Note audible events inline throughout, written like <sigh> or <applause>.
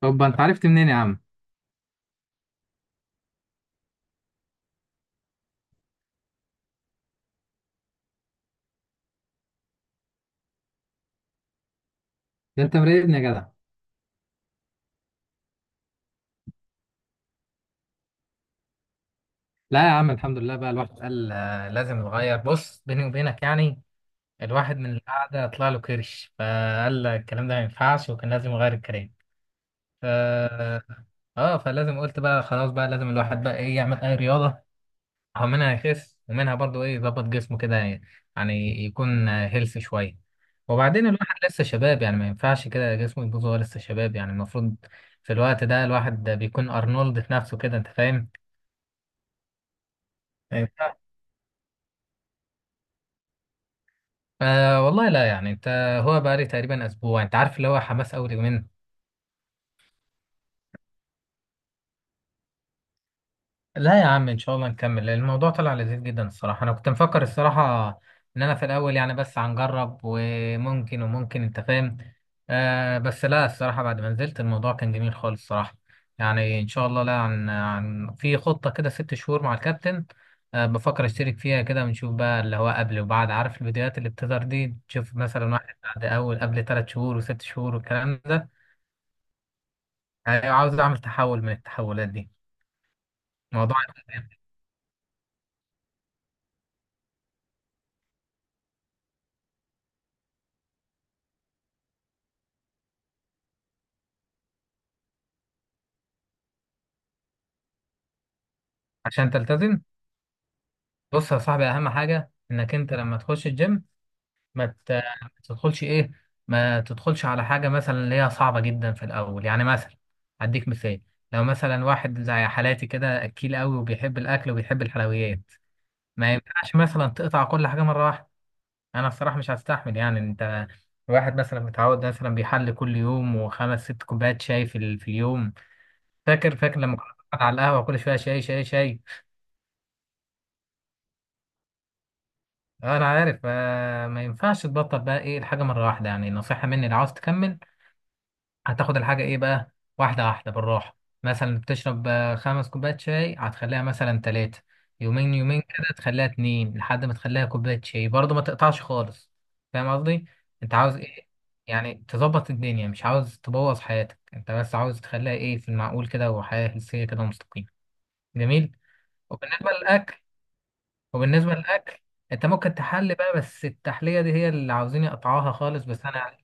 طب انت عرفت منين يا عم؟ ده انت مراقبني يا جدع. لا يا عم، الحمد لله، بقى الواحد قال، لازم نغير. بص، بيني وبينك يعني. الواحد من القعده طلع له كرش، فقال الكلام ده ما ينفعش، وكان لازم يغير الكلام. ف اه آه، فلازم قلت بقى خلاص، بقى لازم الواحد بقى ايه يعمل اي رياضه او منها يخس ومنها برضو ايه يظبط جسمه كده. يعني يكون هيلث شويه. وبعدين الواحد لسه شباب، يعني ما ينفعش كده جسمه يبوظ وهو لسه شباب. يعني المفروض في الوقت ده الواحد ده بيكون ارنولد في نفسه كده، انت فاهم. أيوة. آه والله، لا يعني انت. هو بقى لي تقريبا اسبوع، انت عارف اللي هو حماس اول يومين. لا يا عم، ان شاء الله نكمل، لان الموضوع طلع لذيذ جدا الصراحه. انا كنت مفكر الصراحه ان انا في الاول يعني بس هنجرب، وممكن انت فاهم. بس لا، الصراحه بعد ما نزلت، الموضوع كان جميل خالص الصراحه. يعني ان شاء الله، لا، عن في خطه كده 6 شهور مع الكابتن. بفكر اشترك فيها كده، ونشوف بقى اللي هو قبل وبعد، عارف الفيديوهات اللي بتظهر دي، تشوف مثلا واحد بعد اول قبل 3 شهور وست شهور والكلام ده. يعني عاوز اعمل تحول من التحولات دي. موضوع. عشان تلتزم، بص يا صاحبي، اهم حاجه انك انت لما تخش الجيم ما ت- ما تدخلش ايه، ما تدخلش على حاجه مثلا اللي هي صعبه جدا في الاول. يعني مثلا هديك مثال: لو مثلا واحد زي حالاتي كده، اكيل قوي وبيحب الاكل وبيحب الحلويات، ما ينفعش مثلا تقطع كل حاجه مره واحده. انا الصراحه مش هستحمل، يعني انت. واحد مثلا متعود، مثلا بيحل كل يوم وخمس ست كوبايات شاي في اليوم. فاكر لما كنا بنقعد على القهوه كل شويه، شاي شاي شاي. انا عارف، ما ينفعش تبطل بقى ايه الحاجه مره واحده. يعني نصيحه مني، لو عاوز تكمل هتاخد الحاجه ايه بقى، واحده واحده بالراحه. مثلا بتشرب 5 كوبايات شاي، هتخليها مثلا 3، يومين يومين كده تخليها 2، لحد ما تخليها كوبايه شاي، برضه ما تقطعش خالص. فاهم قصدي؟ انت عاوز ايه؟ يعني تظبط الدنيا، مش عاوز تبوظ حياتك، انت بس عاوز تخليها ايه في المعقول كده، وحياه هلسيه كده مستقيمه. جميل. وبالنسبه للاكل، وبالنسبة للأكل، أنت ممكن تحلي بقى، بس التحلية دي هي اللي عاوزين يقطعوها خالص. بس أنا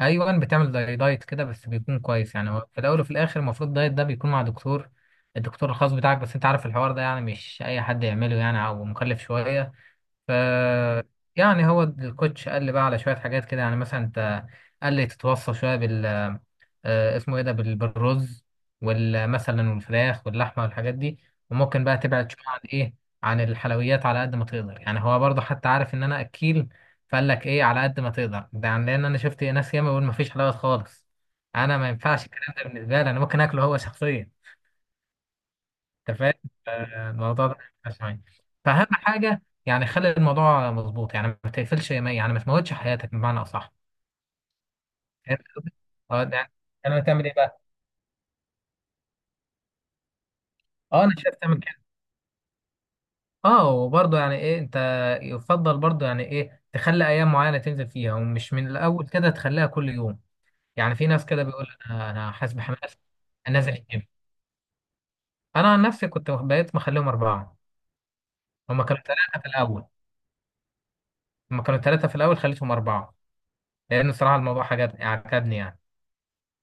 أيوة، بتعمل زي دايت كده، بس بيكون كويس. يعني هو في الأول وفي الآخر المفروض الدايت ده بيكون مع دكتور، الدكتور الخاص بتاعك، بس أنت عارف الحوار ده يعني مش أي حد يعمله يعني، أو مكلف شوية. ف يعني هو الكوتش قال لي بقى على شوية حاجات كده، يعني مثلا أنت. قال لي تتوصى شوية، اسمه ايه ده بالرز والمثلا والفراخ واللحمه والحاجات دي. وممكن بقى تبعد شويه عن ايه، عن الحلويات على قد ما تقدر. يعني هو برضه حتى عارف ان انا اكيل، فقال لك ايه على قد ما تقدر ده، يعني لان انا شفت ناس ياما بيقول ما فيش حلويات خالص. انا ما ينفعش الكلام ده بالنسبه لي، انا ممكن اكله هو شخصيا، انت فاهم، الموضوع ده مش معايا. فاهم حاجه؟ يعني خلي الموضوع مظبوط، يعني ما تقفلش، يعني ما تموتش حياتك بمعنى اصح. فهمت قصدي؟ اه، ده يعني لما تعمل ايه بقى؟ اه، انا شايف تعمل كده. اه، وبرضه يعني ايه انت يفضل برضه، يعني ايه، تخلي ايام معينه تنزل فيها، ومش من الاول كده تخليها كل يوم. يعني في ناس كده بيقول انا حاسس بحماس. انزل الجيم. انا عن نفسي كنت بقيت مخليهم 4. هما كانوا 3 في الاول. هما كانوا ثلاثه في الاول، خليتهم 4، لان صراحه الموضوع عجبني عجبني، يعني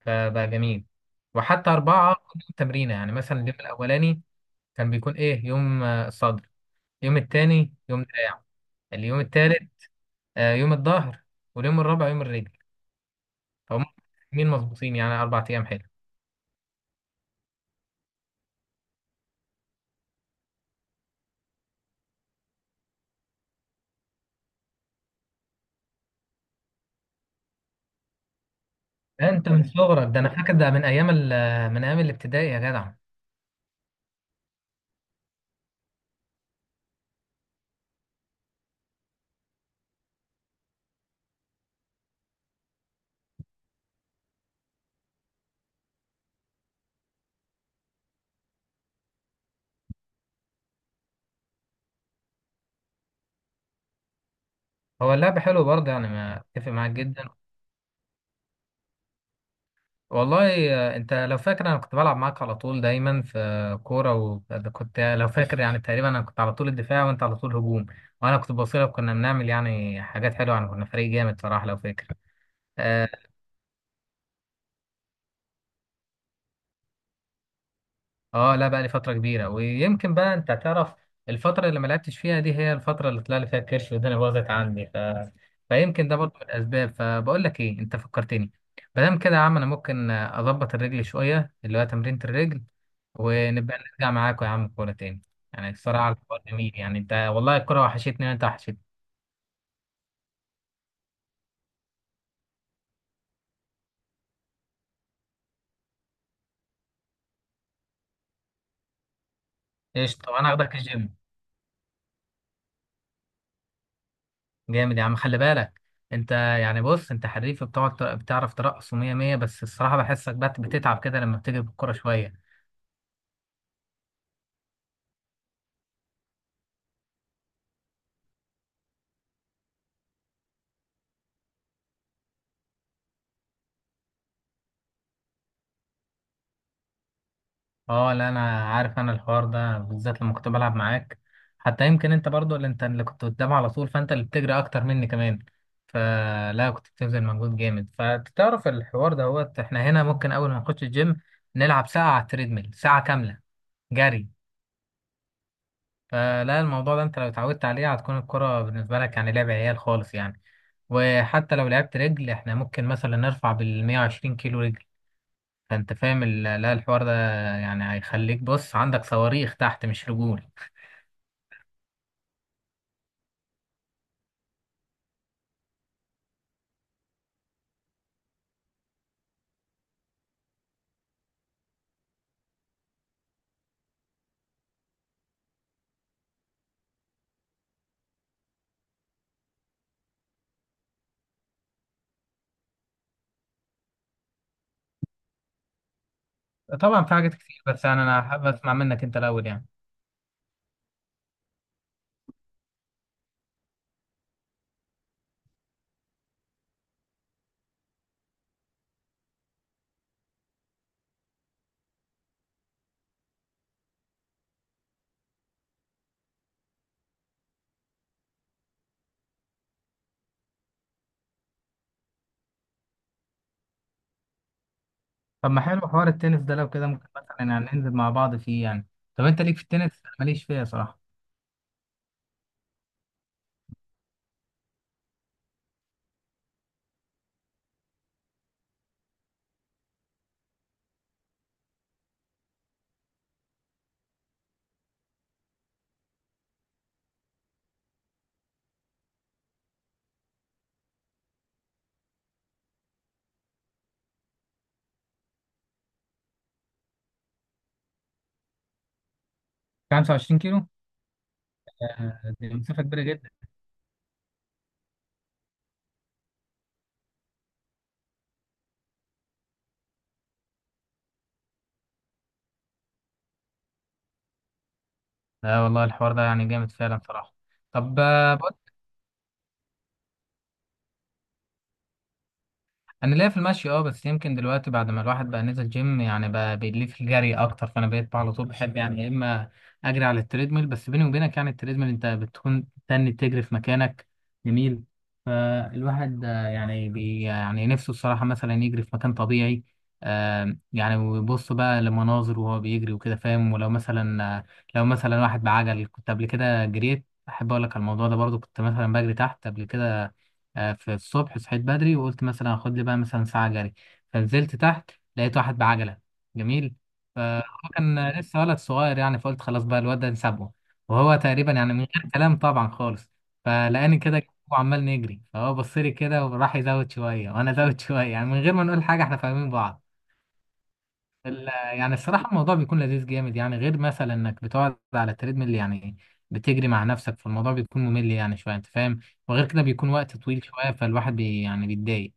فبقى جميل. وحتى 4، كل يوم تمرينه، يعني مثلا اليوم الاولاني كان بيكون ايه يوم، الصدر، اليوم التاني يوم دراع، اليوم التالت، يوم الظهر، واليوم الرابع يوم الرجل. هم مين مظبوطين، يعني 4 ايام حلو. ده انت من صغرك، ده انا فاكر، ده من ايام الابتدائي يا جدع. هو اللعب حلو برضه، يعني ما اتفق معاك جدا. والله، انت لو فاكر، انا كنت بلعب معاك على طول، دايما في كوره، وكنت لو فاكر يعني تقريبا انا كنت على طول الدفاع، وانت على طول هجوم، وانا كنت بوصلك، كنا بنعمل يعني حاجات حلوه، يعني كنا فريق جامد صراحه لو فاكر. آه، اه لا، بقى لي فترة كبيرة، ويمكن بقى انت تعرف، الفترة اللي ما لعبتش فيها دي هي الفترة اللي طلع لي فيها الكرش والدنيا باظت عندي، فيمكن ده برضه من الأسباب. فبقول لك ايه، انت فكرتني. ما دام كده يا عم، انا ممكن اظبط الرجل شوية، اللي هو تمرينة الرجل، ونبقى نرجع معاكم يا عم كورة تاني. يعني الصراحة الحوار جميل، يعني انت والله الكورة وحشتني وانت وحشتني. ايش؟ طب انا هاخدك الجيم. جامد يا عم، خلي بالك. انت يعني بص، انت حريف، بتقعد بتعرف ترقص، ومية مية، بس الصراحة بحسك بقى بتتعب كده لما بتيجي بالكورة شوية. اه لا، انا عارف. انا الحوار ده بالذات لما كنت بلعب معاك، حتى يمكن انت برضو اللي انت اللي كنت قدام على طول، فانت اللي بتجري اكتر مني كمان، فلا كنت بتبذل مجهود جامد. فتعرف الحوار ده، هو احنا هنا ممكن اول ما نخش الجيم نلعب ساعة على التريدميل، ساعة كاملة جري. فلا الموضوع ده انت لو اتعودت عليه، هتكون الكرة بالنسبة لك يعني لعب عيال خالص يعني. وحتى لو لعبت رجل، احنا ممكن مثلا نرفع بال 120 كيلو رجل. فانت فاهم لا، الحوار ده يعني هيخليك، بص، عندك صواريخ تحت مش رجول. طبعا في حاجات كتير، بس يعني انا حابب اسمع منك انت الاول يعني. طب ما حلو حوار التنس ده، لو كده ممكن مثلا يعني ننزل مع بعض فيه يعني. طب انت ليك في التنس، أنا ماليش فيها صراحه. 25 كيلو؟ دي مسافه كبيره جدا. لا والله الحوار ده يعني جامد فعلا صراحه. طب، انا ليا في المشي، بس يمكن دلوقتي بعد ما الواحد بقى نزل جيم، يعني بقى بيليه في الجري اكتر، فانا بقيت على طول بحب، يعني يا اما اجري على التريدميل، بس بيني وبينك يعني التريدميل انت بتكون تاني تجري في مكانك. جميل. فالواحد آه، يعني بي يعني نفسه الصراحة مثلا يجري في مكان طبيعي، يعني ويبص بقى لمناظر وهو بيجري وكده، فاهم؟ ولو مثلا، لو مثلا واحد بعجل، كنت قبل كده جريت، احب اقول لك على الموضوع ده برضو، كنت مثلا بجري تحت قبل كده. في الصبح صحيت بدري، وقلت مثلا هاخد لي بقى مثلا ساعة جري. فنزلت تحت، لقيت واحد بعجلة. جميل. فهو كان لسه ولد صغير يعني، فقلت خلاص بقى الواد ده نسابه، وهو تقريبا يعني من غير كلام طبعا خالص. فلقاني كده، وعمال نجري، فهو بص لي كده وراح يزود شوية، وأنا زود <laughs> شوية، يعني من غير ما نقول حاجة احنا فاهمين بعض. يعني الصراحة الموضوع بيكون لذيذ جامد، يعني غير مثلا انك بتقعد على التريدميل يعني بتجري مع نفسك، فالموضوع بيكون ممل يعني شوية، انت فاهم. وغير كده بيكون وقت طويل شوية، فالواحد يعني بيتضايق.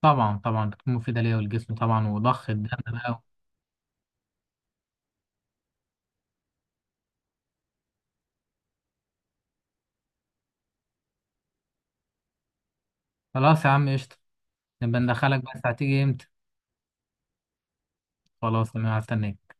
طبعا طبعا بتكون مفيدة ليا والجسم طبعا، وضخ الدم بقى. خلاص يا عم، قشطة. نبقى ندخلك، بس هتيجي امتى؟ خلاص انا هستناك.